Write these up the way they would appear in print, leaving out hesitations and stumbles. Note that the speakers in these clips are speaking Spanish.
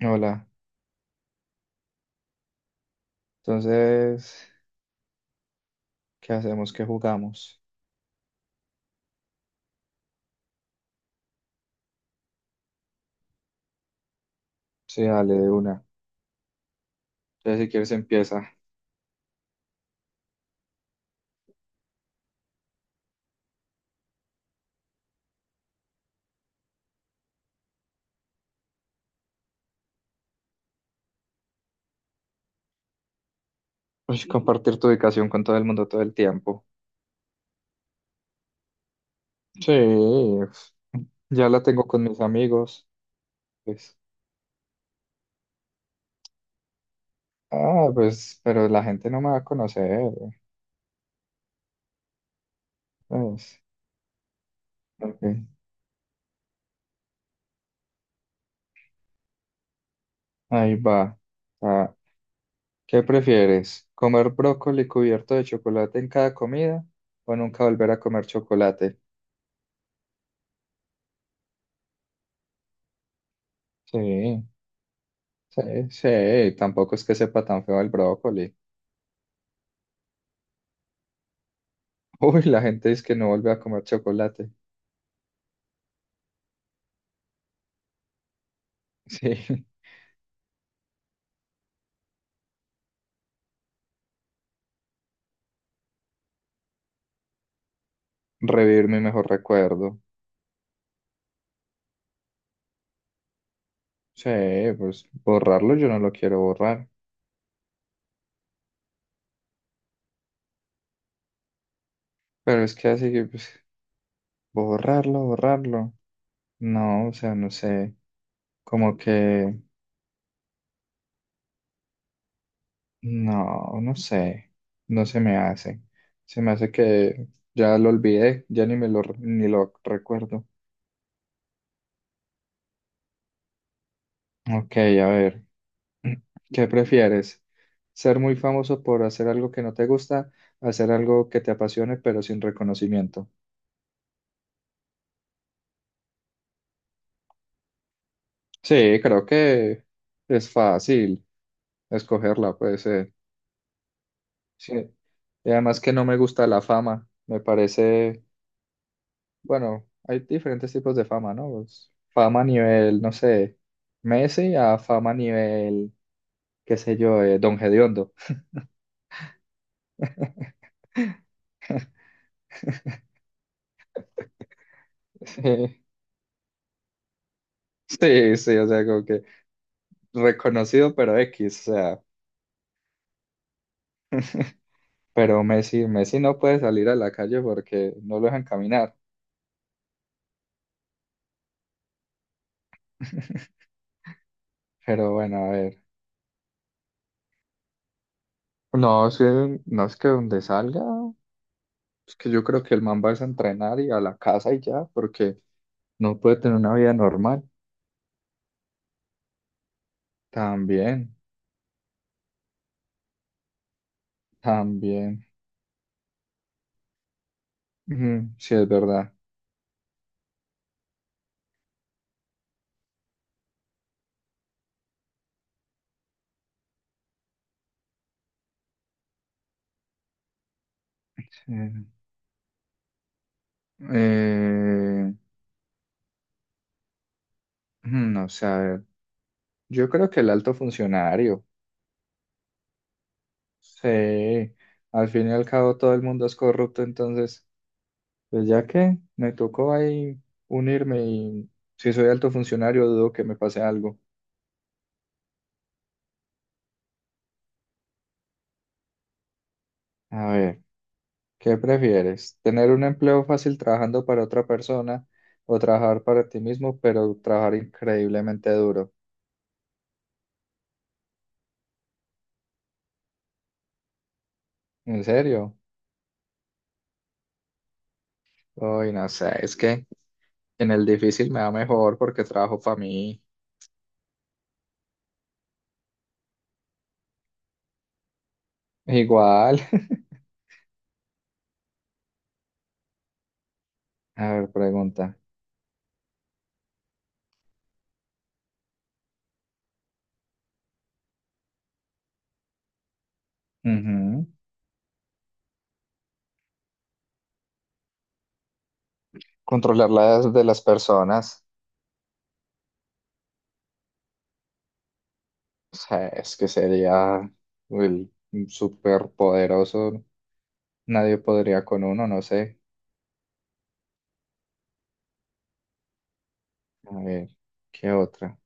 Hola, entonces, ¿qué hacemos? ¿Qué jugamos? Sí, dale de una. Entonces, si quieres, empieza. Uy, compartir tu ubicación con todo el mundo todo el tiempo. Sí, ya la tengo con mis amigos. Pues, ah, pues, pero la gente no me va a conocer. Pues. Ok. Ahí va. Ah, ¿qué prefieres? ¿Comer brócoli cubierto de chocolate en cada comida o nunca volver a comer chocolate? Sí, sí, sí, tampoco es que sepa tan feo el brócoli. Uy, la gente dice que no vuelve a comer chocolate. Sí, revivir mi mejor recuerdo. Sí, pues borrarlo yo no lo quiero borrar. Pero es que así que, pues, borrarlo, borrarlo. No, o sea, no sé. Como que, no, no sé. No se me hace. Se me hace que ya lo olvidé, ya ni me lo, ni lo recuerdo. Ok, a ver. ¿Qué prefieres? ¿Ser muy famoso por hacer algo que no te gusta, hacer algo que te apasione pero sin reconocimiento? Sí, creo que es fácil escogerla, pues sí. Y además que no me gusta la fama, me parece, bueno, hay diferentes tipos de fama, ¿no? Pues, fama a nivel, no sé, Messi a fama a nivel, qué sé yo, Don Hediondo. Sí, sí, o sea, como que reconocido pero X, o sea. Pero Messi no puede salir a la calle porque no lo dejan caminar. Pero bueno, a ver. No, es que, no es que donde salga, es que yo creo que el man va a entrenar y a la casa y ya, porque no puede tener una vida normal. También, también. Ujú, sí, es verdad. Sí. Eh, no sé, a ver. Yo creo que el alto funcionario. Sí, al fin y al cabo todo el mundo es corrupto, entonces pues ya que me tocó ahí unirme y si soy alto funcionario dudo que me pase algo. A ver, ¿qué prefieres? ¿Tener un empleo fácil trabajando para otra persona o trabajar para ti mismo pero trabajar increíblemente duro? ¿En serio? Uy, no sé, es que en el difícil me va mejor porque trabajo para mí. Igual. A ver, pregunta. Ujú. Controlar las de las personas. O sea, es que sería el súper poderoso. Nadie podría con uno, no sé. A ver, ¿qué otra?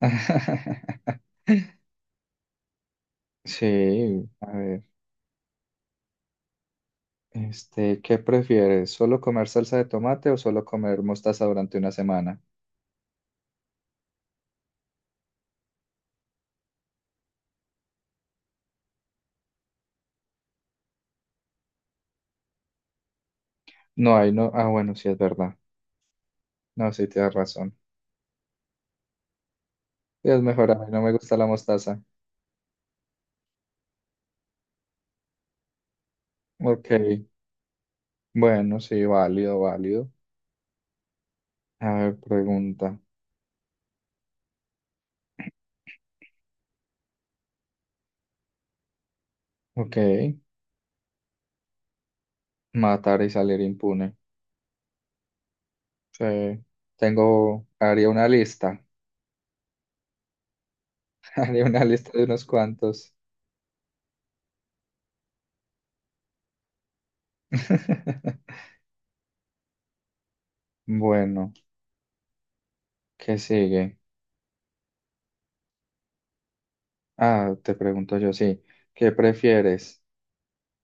Sí, a ver. Este, ¿qué prefieres? ¿Solo comer salsa de tomate o solo comer mostaza durante una semana? No, ahí no. Ah, bueno, sí es verdad. No, sí tienes razón. Sí, es mejor, a mí no me gusta la mostaza. Ok, bueno, sí, válido, válido. A ver, pregunta. Ok, matar y salir impune. Sí, tengo, haría una lista, haría una lista de unos cuantos. Bueno, ¿qué sigue? Ah, te pregunto yo, sí. ¿Qué prefieres?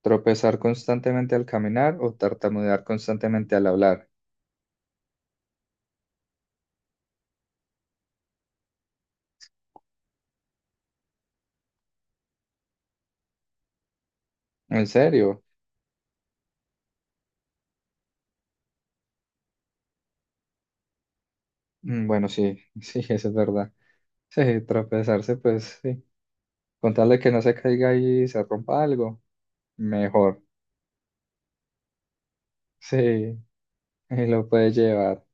¿Tropezar constantemente al caminar o tartamudear constantemente al hablar? ¿En serio? Bueno, sí, sí, eso es verdad. Sí, tropezarse, pues sí. Con tal de que no se caiga y se rompa algo, mejor. Sí, y lo puede llevar.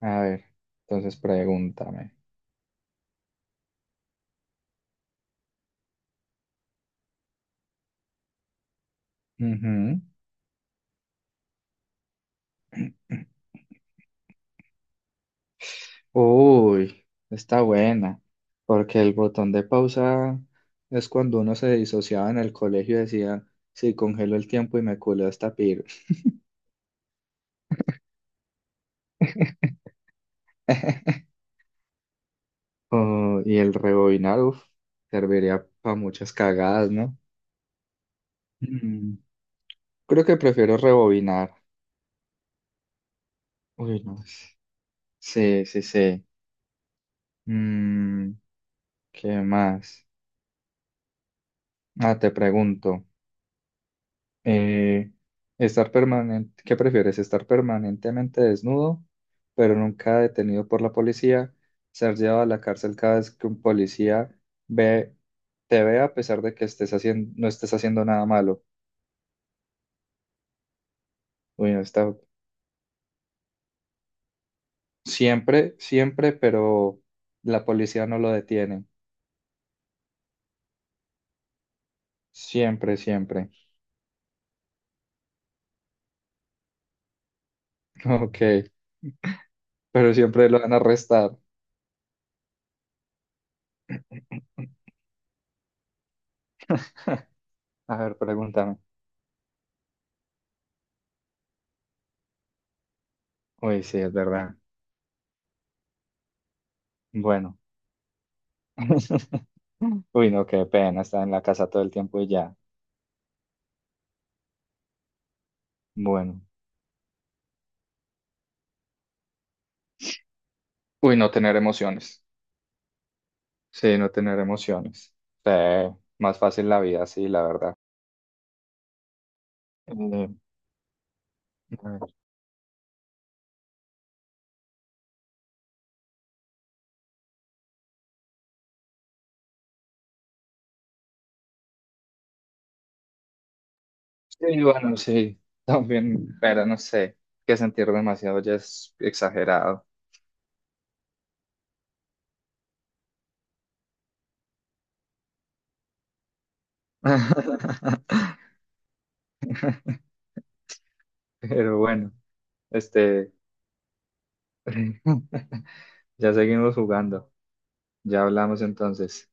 A ver, entonces pregúntame. Ujú. Uy, está buena, porque el botón de pausa es cuando uno se disociaba en el colegio y decía, sí, congelo el tiempo y me culeo esta piro. Oh, y el rebobinar, uf, serviría para muchas cagadas, ¿no? Mm, creo que prefiero rebobinar. Uy, no. Sí, sí, sí. Mm, ¿qué más? Ah, te pregunto. Eh, estar permanente, ¿qué prefieres? ¿Estar permanentemente desnudo, pero nunca detenido por la policía? ¿Ser llevado a la cárcel cada vez que un policía ve, te ve a pesar de que estés haciendo, no estés haciendo nada malo? Uy, no está. Siempre, siempre, pero la policía no lo detiene. Siempre, siempre. Ok, pero siempre lo van a arrestar. A ver, pregúntame. Uy, sí, es verdad. Bueno. Uy, no, qué pena estar en la casa todo el tiempo y ya. Bueno. Uy, no tener emociones. Sí, no tener emociones. Sí, más fácil la vida, sí, la verdad. Eh, a ver. Sí, bueno, sí, también, pero no sé, que sentir demasiado ya es exagerado. Pero bueno, este, ya seguimos jugando. Ya hablamos entonces.